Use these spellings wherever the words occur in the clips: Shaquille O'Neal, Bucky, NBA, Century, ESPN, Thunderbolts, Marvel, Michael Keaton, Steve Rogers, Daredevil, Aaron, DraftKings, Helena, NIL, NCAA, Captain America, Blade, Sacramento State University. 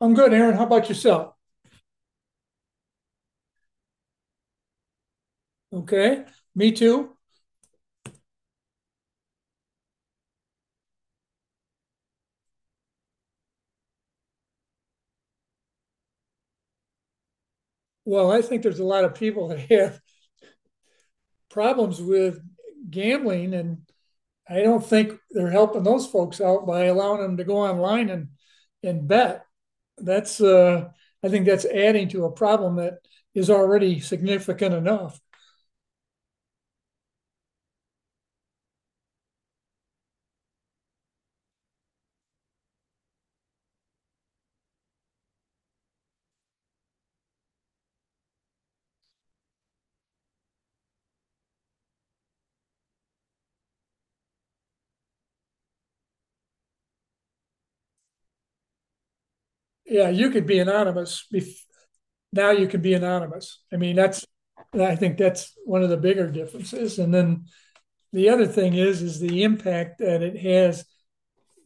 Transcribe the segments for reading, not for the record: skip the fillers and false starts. I'm good, Aaron. How about yourself? Okay. Me too. Well, I think there's a lot of people that have problems with gambling, and I don't think they're helping those folks out by allowing them to go online and bet. That's I think that's adding to a problem that is already significant enough. Yeah, you could be now you can be anonymous. I mean, that's I think that's one of the bigger differences. And then the other thing is the impact that it has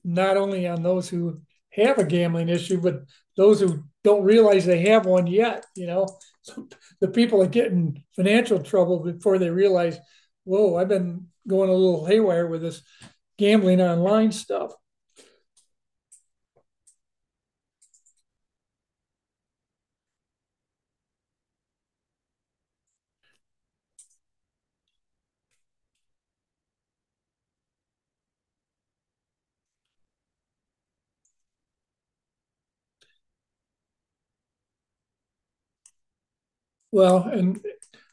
not only on those who have a gambling issue, but those who don't realize they have one yet. You know, so the people that get in financial trouble before they realize, whoa, I've been going a little haywire with this gambling online stuff. Well, and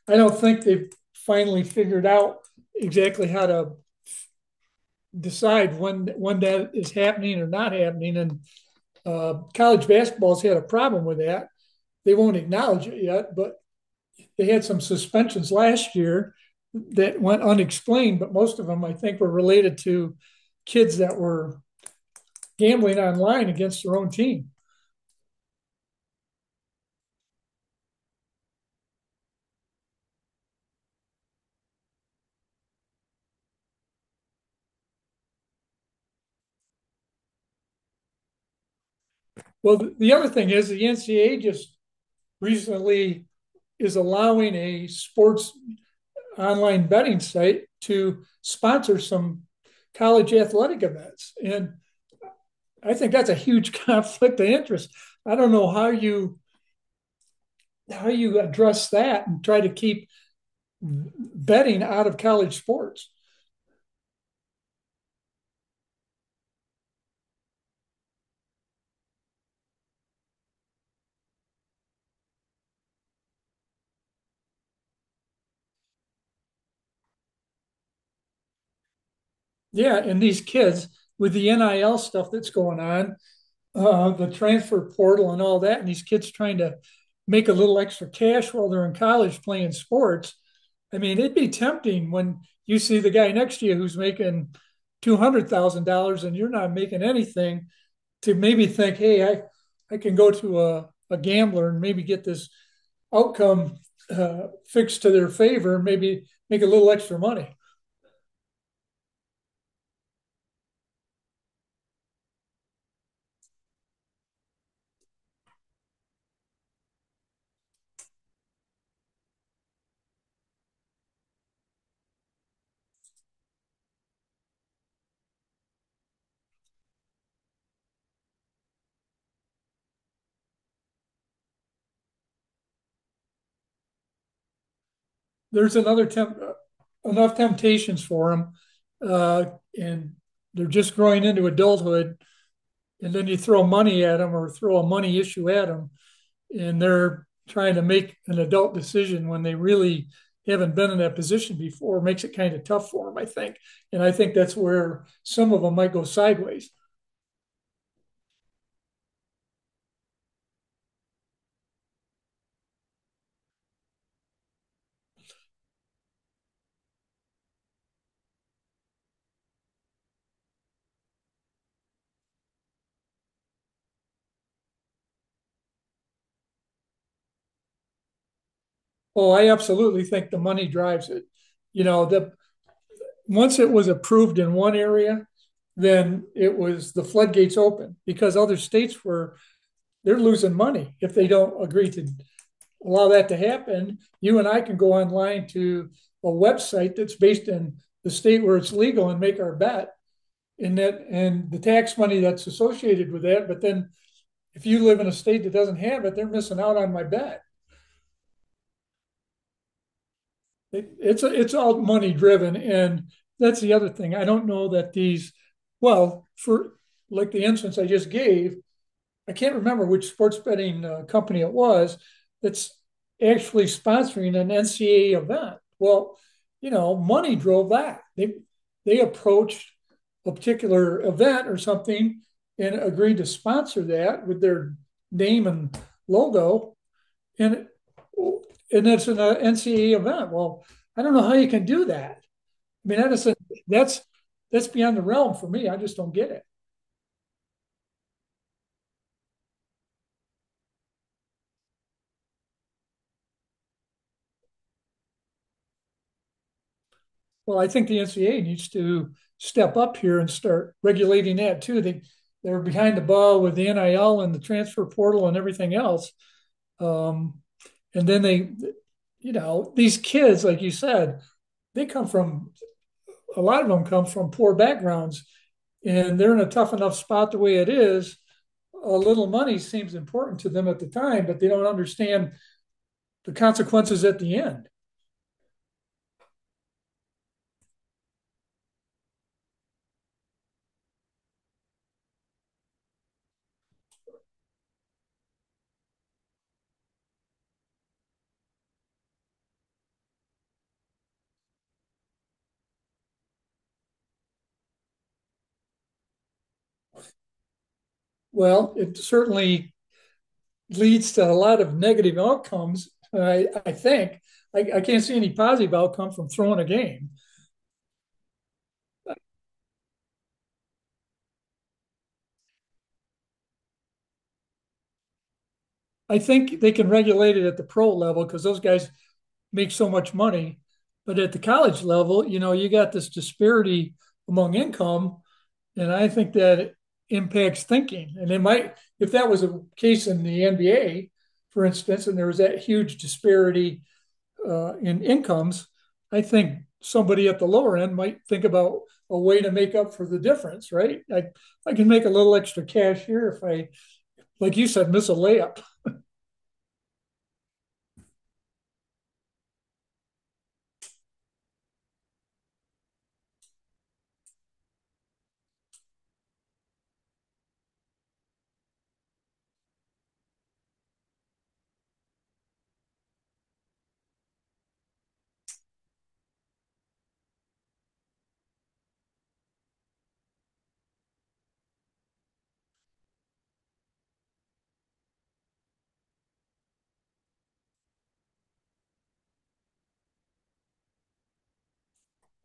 I don't think they've finally figured out exactly how to decide when that is happening or not happening. And college basketball's had a problem with that. They won't acknowledge it yet, but they had some suspensions last year that went unexplained. But most of them, I think, were related to kids that were gambling online against their own team. Well, the other thing is the NCAA just recently is allowing a sports online betting site to sponsor some college athletic events, and I think that's a huge conflict of interest. I don't know how you address that and try to keep betting out of college sports. Yeah, and these kids with the NIL stuff that's going on, the transfer portal and all that, and these kids trying to make a little extra cash while they're in college playing sports. I mean, it'd be tempting when you see the guy next to you who's making $200,000 and you're not making anything to maybe think, hey, I can go to a gambler and maybe get this outcome fixed to their favor, maybe make a little extra money. Enough temptations for them, uh, and they're just growing into adulthood. And then you throw money at them or throw a money issue at them, and they're trying to make an adult decision when they really haven't been in that position before makes it kind of tough for them, I think. And I think that's where some of them might go sideways. Oh, I absolutely think the money drives it. You know, the once it was approved in one area, then it was the floodgates open because other states were they're losing money if they don't agree to allow that to happen. You and I can go online to a website that's based in the state where it's legal and make our bet and the tax money that's associated with that. But then if you live in a state that doesn't have it, they're missing out on my bet. It's all money driven, and that's the other thing. I don't know that well, for like the instance I just gave, I can't remember which sports betting company it was that's actually sponsoring an NCAA event. Well, you know, money drove that. They approached a particular event or something and agreed to sponsor that with their name and logo, and it's an NCAA event. Well, I don't know how you can do that. I mean, that's beyond the realm for me. I just don't get it. Well, I think the NCAA needs to step up here and start regulating that too. They're behind the ball with the NIL and the transfer portal and everything else. Um, and then you know, these kids, like you said, they come from a lot of them come from poor backgrounds, and they're in a tough enough spot the way it is. A little money seems important to them at the time, but they don't understand the consequences at the end. Well, it certainly leads to a lot of negative outcomes, I think. I can't see any positive outcome from throwing a game. I think they can regulate it at the pro level because those guys make so much money. But at the college level, you know, you got this disparity among income. And I think that impacts thinking. And it might, if that was a case in the NBA, for instance, and there was that huge disparity in incomes, I think somebody at the lower end might think about a way to make up for the difference, right? I can make a little extra cash here if I, like you said, miss a layup.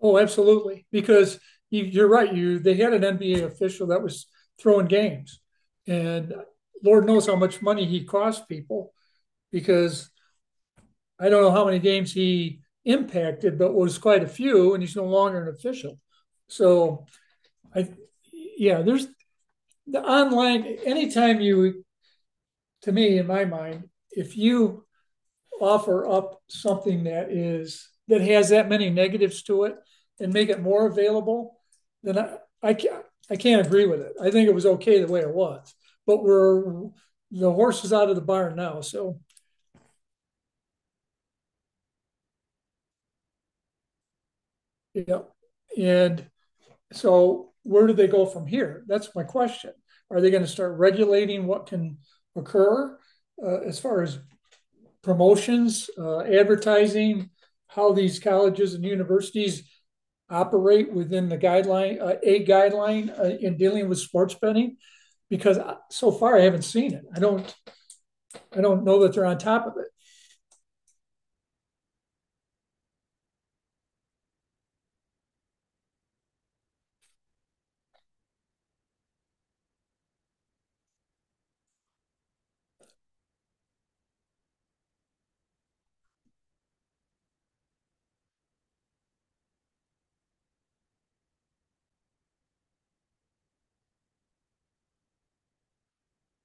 Oh, absolutely. Because you're right. You They had an NBA official that was throwing games, and Lord knows how much money he cost people. Because I don't know how many games he impacted, but was quite a few, and he's no longer an official. So I, yeah, there's the online. Anytime to me, in my mind, if you offer up something that is that has that many negatives to it and make it more available, then I can't I can't agree with it. I think it was okay the way it was, but we're the horse is out of the barn now. So yeah, and so where do they go from here? That's my question. Are they going to start regulating what can occur as far as promotions, advertising, how these colleges and universities operate within the guideline, a guideline in dealing with sports betting? Because so far I haven't seen it. I don't know that they're on top of it.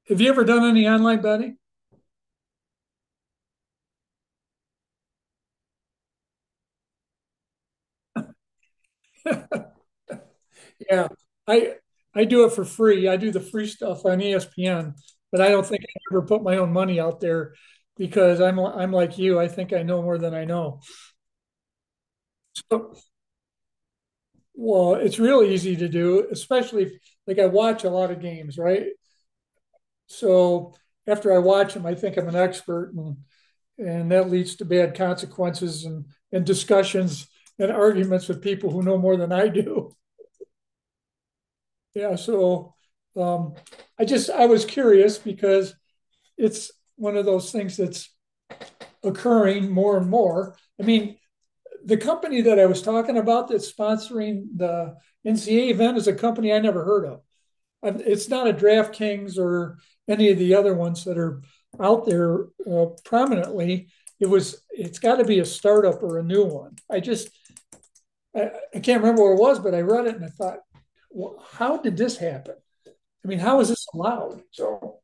Have you ever done any online betting? Yeah, I, I do it for free. I do the free stuff on ESPN, but I don't think I ever put my own money out there because I'm like you. I think I know more than I know. So, well, it's really easy to do, especially if, like I watch a lot of games, right? So after I watch them, I think I'm an expert and that leads to bad consequences and discussions and arguments with people who know more than I do. Yeah, so um, I was curious because it's one of those things that's occurring more and more. I mean, the company that I was talking about that's sponsoring the NCA event is a company I never heard of. It's not a DraftKings or any of the other ones that are out there prominently. It was. It's got to be a startup or a new one. I can't remember what it was, but I read it and I thought, well, how did this happen? I mean, how is this allowed? So,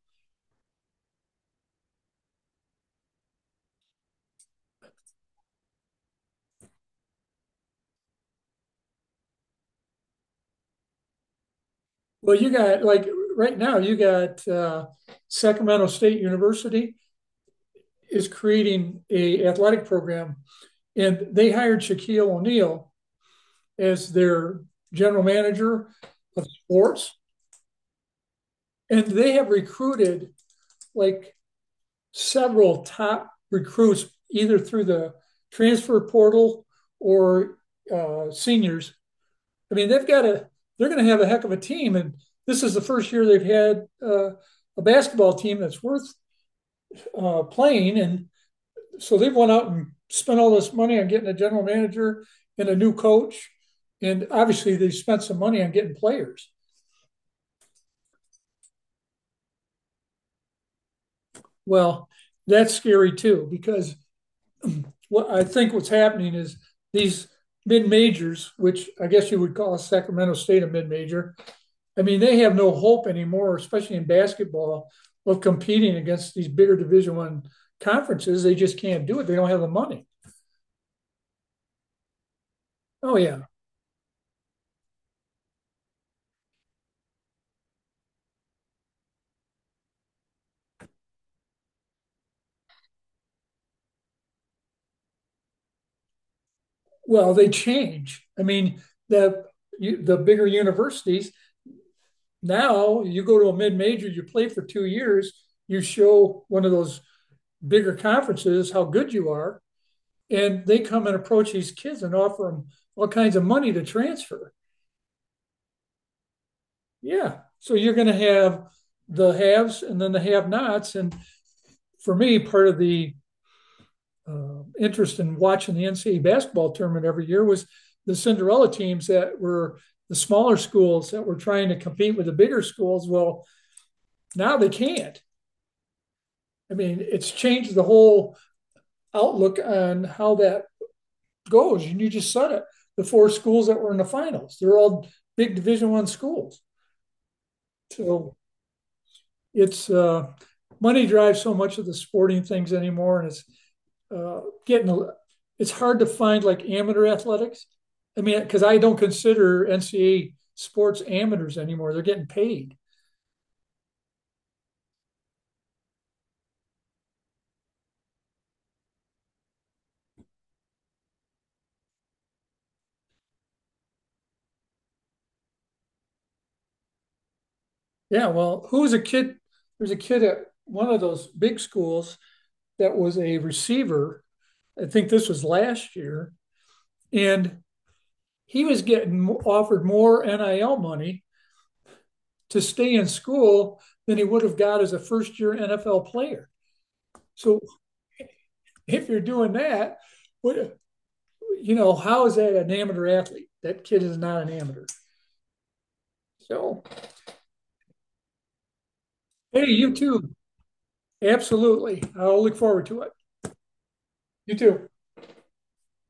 well, you got like right now, you got Sacramento State University is creating a athletic program, and they hired Shaquille O'Neal as their general manager of sports. And they have recruited like several top recruits, either through the transfer portal or seniors. I mean, they're going to have a heck of a team. And this is the first year they've had a basketball team that's worth playing. And so they've went out and spent all this money on getting a general manager and a new coach. And obviously, they spent some money on getting players. Well, that's scary too, because what I think what's happening is these mid majors, which I guess you would call Sacramento State a mid major. I mean, they have no hope anymore, especially in basketball, of competing against these bigger Division I conferences. They just can't do it. They don't have the money. Oh yeah. Well, they change. I mean, the the bigger universities now you go to a mid major, you play for 2 years, you show one of those bigger conferences how good you are, and they come and approach these kids and offer them all kinds of money to transfer. Yeah. So you're going to have the haves and then the have nots. And for me, part of the interest in watching the NCAA basketball tournament every year was the Cinderella teams that were the smaller schools that were trying to compete with the bigger schools. Well, now they can't. I mean, it's changed the whole outlook on how that goes. And you just said it. The four schools that were in the finals, they're all big Division I schools. So it's money drives so much of the sporting things anymore, and it's uh, getting a- it's hard to find like amateur athletics. I mean, because I don't consider NCAA sports amateurs anymore; they're getting paid. Yeah, well, who was a kid? There's a kid at one of those big schools that was a receiver. I think this was last year, and he was getting offered more NIL money to stay in school than he would have got as a first year NFL player. So if you're doing that, what you know, how is that an amateur athlete? That kid is not an amateur. So hey, you too. Absolutely. I'll look forward to it. You too.